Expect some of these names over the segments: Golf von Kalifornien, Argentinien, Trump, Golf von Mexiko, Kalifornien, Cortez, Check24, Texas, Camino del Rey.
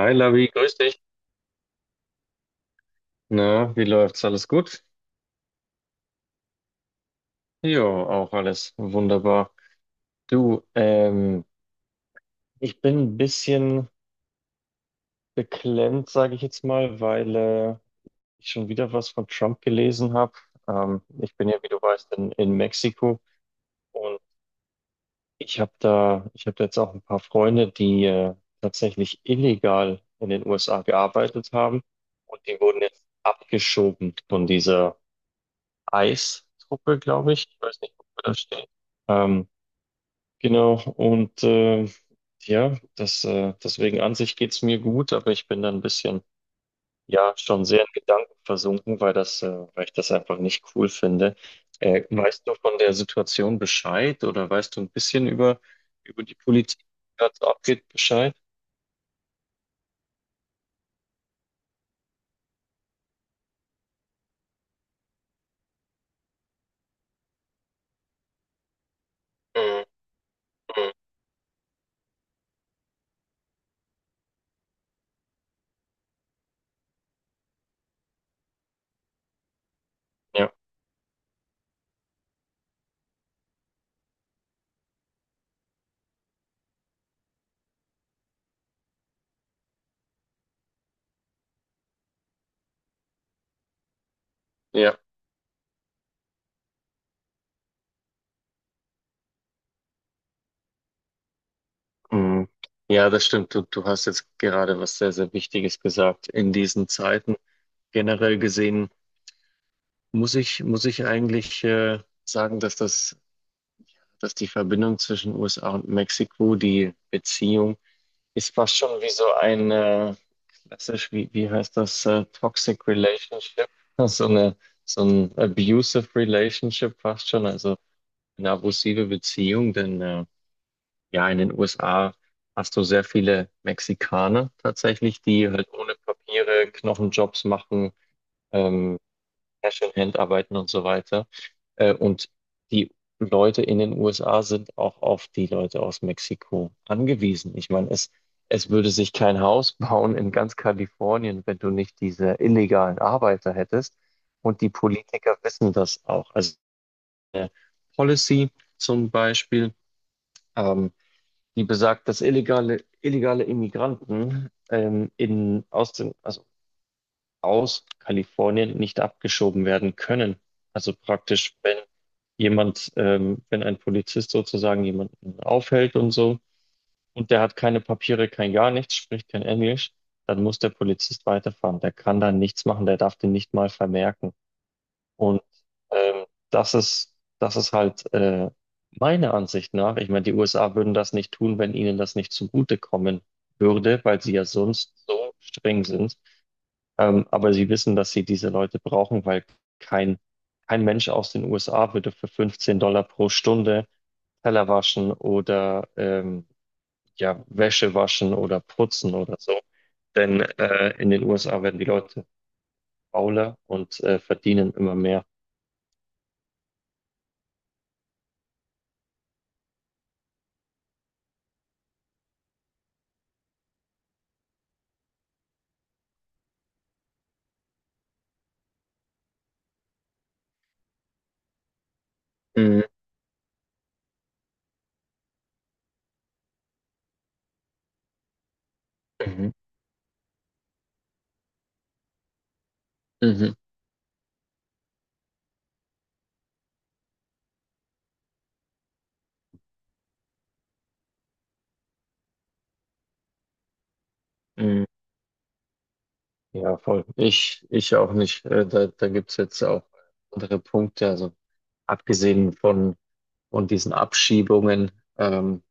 Hi Lavi, grüß dich. Na, wie läuft's? Alles gut? Jo, auch alles wunderbar. Du, ich bin ein bisschen beklemmt, sage ich jetzt mal, weil ich schon wieder was von Trump gelesen habe. Ich bin ja, wie du weißt, in Mexiko, und ich habe jetzt auch ein paar Freunde, die tatsächlich illegal in den USA gearbeitet haben, und die wurden jetzt abgeschoben von dieser ICE-Truppe, glaube ich. Ich weiß nicht, wofür das steht. Ähm, Genau. Und ja, deswegen an sich geht's mir gut, aber ich bin da ein bisschen, ja, schon sehr in Gedanken versunken, weil weil ich das einfach nicht cool finde. Weißt du von der Situation Bescheid, oder weißt du ein bisschen über, die Politik, die gerade so abgeht, Bescheid? Mhm, mhm, ja, ja, mhm. Ja, das stimmt. Du hast jetzt gerade was sehr, sehr Wichtiges gesagt. In diesen Zeiten generell gesehen muss ich, eigentlich sagen, dass die Verbindung zwischen USA und Mexiko, die Beziehung, ist fast schon wie so ein klassisch, wie heißt das, Toxic Relationship, so eine, so ein Abusive Relationship fast schon, also eine abusive Beziehung, denn ja, in den USA hast du sehr viele Mexikaner tatsächlich, die halt ohne Papiere Knochenjobs machen, ähm, Herstellerhand arbeiten und so weiter. Und die Leute in den USA sind auch auf die Leute aus Mexiko angewiesen. Ich meine, es würde sich kein Haus bauen in ganz Kalifornien, wenn du nicht diese illegalen Arbeiter hättest. Und die Politiker wissen das auch. Also eine Policy zum Beispiel, ähm, die besagt, dass illegale Immigranten in, aus den, also aus Kalifornien nicht abgeschoben werden können. Also praktisch, wenn ein Polizist sozusagen jemanden aufhält und so, und der hat keine Papiere, kein gar nichts, spricht kein Englisch, dann muss der Polizist weiterfahren. Der kann da nichts machen, der darf den nicht mal vermerken. Und das ist, halt meiner Ansicht nach, ich meine, die USA würden das nicht tun, wenn ihnen das nicht zugutekommen würde, weil sie ja sonst so streng sind, aber sie wissen, dass sie diese Leute brauchen, weil kein, kein Mensch aus den USA würde für $15 pro Stunde Teller waschen oder ja, Wäsche waschen oder putzen oder so. Denn in den USA werden die Leute fauler und verdienen immer mehr. Mhm, mhm, mhm, mhm. Ja, voll. ich, auch nicht. Da gibt's jetzt auch andere Punkte. Also abgesehen von, diesen Abschiebungen. Ähm,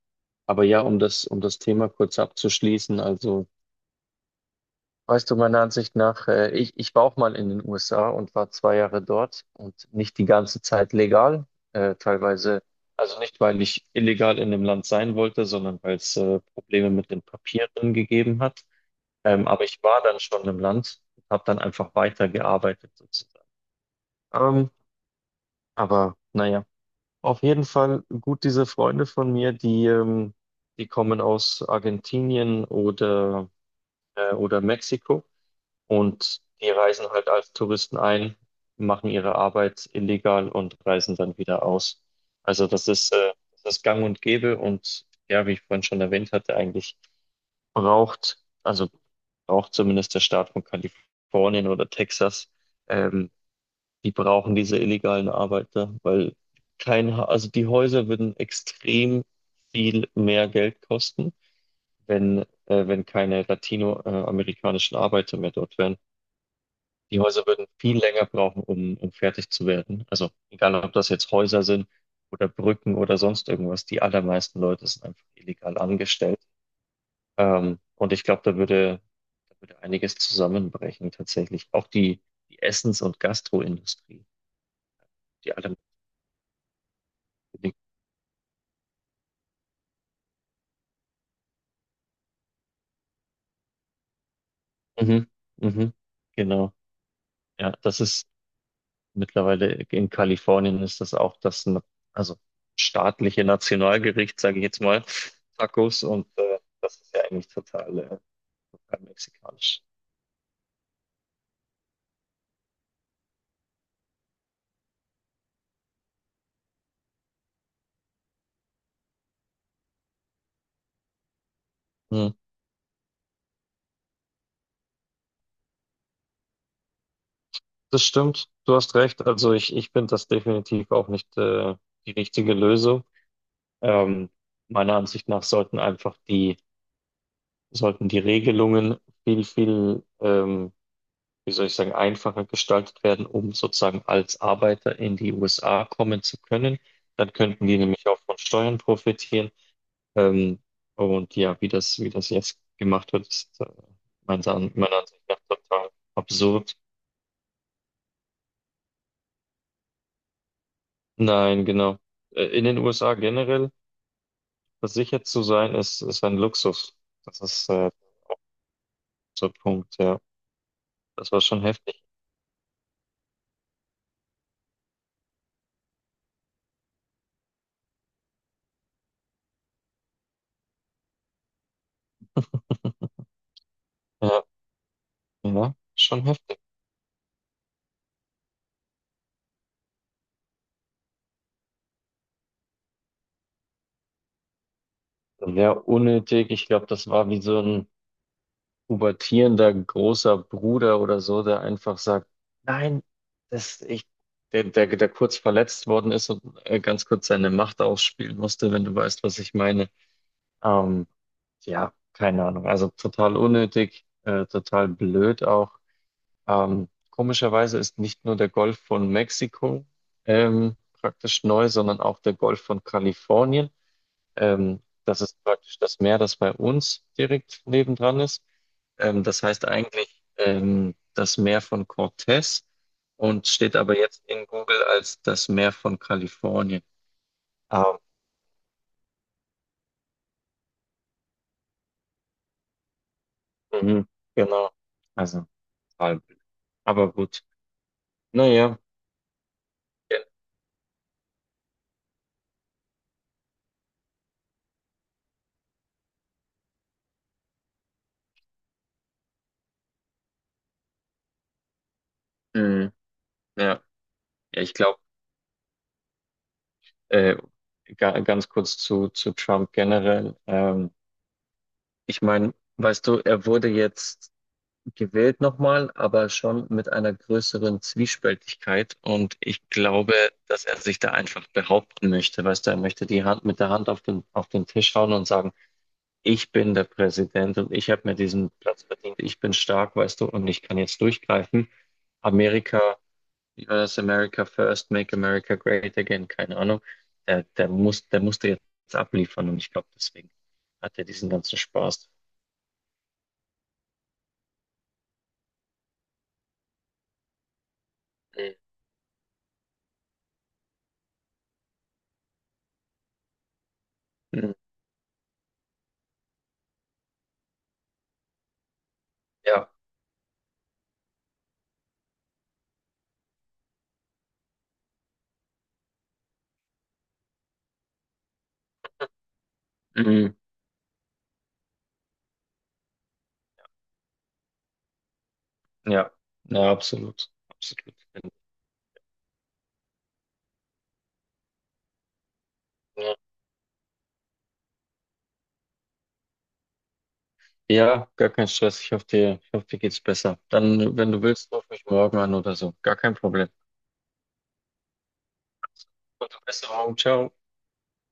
Aber ja, um das Thema kurz abzuschließen, also weißt du, meiner Ansicht nach, ich war auch mal in den USA und war 2 Jahre dort und nicht die ganze Zeit legal, teilweise, also nicht, weil ich illegal in dem Land sein wollte, sondern weil es Probleme mit den Papieren gegeben hat. Aber ich war dann schon im Land und habe dann einfach weitergearbeitet sozusagen. Ähm, aber naja, auf jeden Fall gut, diese Freunde von mir, die kommen aus Argentinien oder Mexiko. Und die reisen halt als Touristen ein, machen ihre Arbeit illegal und reisen dann wieder aus. Also das ist gang und gäbe, und ja, wie ich vorhin schon erwähnt hatte, eigentlich braucht, also braucht zumindest der Staat von Kalifornien oder Texas, ähm, die brauchen diese illegalen Arbeiter, weil kein, Ha- also die Häuser würden extrem viel mehr Geld kosten, wenn keine latinoamerikanischen Arbeiter mehr dort wären. Die Häuser würden viel länger brauchen, um fertig zu werden. Also egal, ob das jetzt Häuser sind oder Brücken oder sonst irgendwas, die allermeisten Leute sind einfach illegal angestellt. Und ich glaube, da würde, einiges zusammenbrechen tatsächlich. Auch die Essens- und Gastroindustrie, die alle. Mhm, mhm, genau. Ja, das ist. Mittlerweile in Kalifornien ist das auch das, also staatliche Nationalgericht, sage ich jetzt mal, Tacos, und das ist ja eigentlich total, total mexikanisch. Hm. Das stimmt, du hast recht. Also ich finde das definitiv auch nicht die richtige Lösung. Ähm, Meiner Ansicht nach sollten einfach die Regelungen viel, viel wie soll ich sagen, einfacher gestaltet werden, um sozusagen als Arbeiter in die USA kommen zu können. Dann könnten die nämlich auch von Steuern profitieren. Ähm, und ja, wie das, jetzt gemacht wird, ist meiner Ansicht nach total absurd. Nein, genau. In den USA generell versichert zu sein, ist ein Luxus. Das ist so ein Punkt, ja. Das war schon heftig. Ja, ja, schon heftig. Sehr unnötig. Ich glaube, das war wie so ein pubertierender großer Bruder oder so, der einfach sagt, nein, das ich, der, der, der kurz verletzt worden ist und ganz kurz seine Macht ausspielen musste, wenn du weißt, was ich meine. Ähm, ja, keine Ahnung. Also total unnötig, total blöd auch. Komischerweise ist nicht nur der Golf von Mexiko ähm, praktisch neu, sondern auch der Golf von Kalifornien. Das ist praktisch das Meer, das bei uns direkt nebendran ist. Das heißt eigentlich das Meer von Cortez und steht aber jetzt in Google als das Meer von Kalifornien. Ah, mhm, genau. Also halb. Aber gut. Naja. Mhm, ja, ja, ich glaube, äh, ganz kurz zu, Trump generell. Ich meine, weißt du, er wurde jetzt gewählt nochmal, aber schon mit einer größeren Zwiespältigkeit. Und ich glaube, dass er sich da einfach behaupten möchte. Weißt du, er möchte die Hand mit der Hand auf den Tisch hauen und sagen, ich bin der Präsident und ich habe mir diesen Platz verdient. Ich bin stark, weißt du, und ich kann jetzt durchgreifen. Amerika, wie war das? America first, make America great again, keine Ahnung. Der musste jetzt abliefern, und ich glaube, deswegen hat er diesen ganzen Spaß. Mhm. Ja. Mhm. Ja, ja, absolut. Absolut. Ja, Ja, gar kein Stress. Ich hoffe, dir geht's besser. Dann, wenn du willst, ruf mich morgen an oder so. Gar kein Problem. Gute Besserung. Ciao.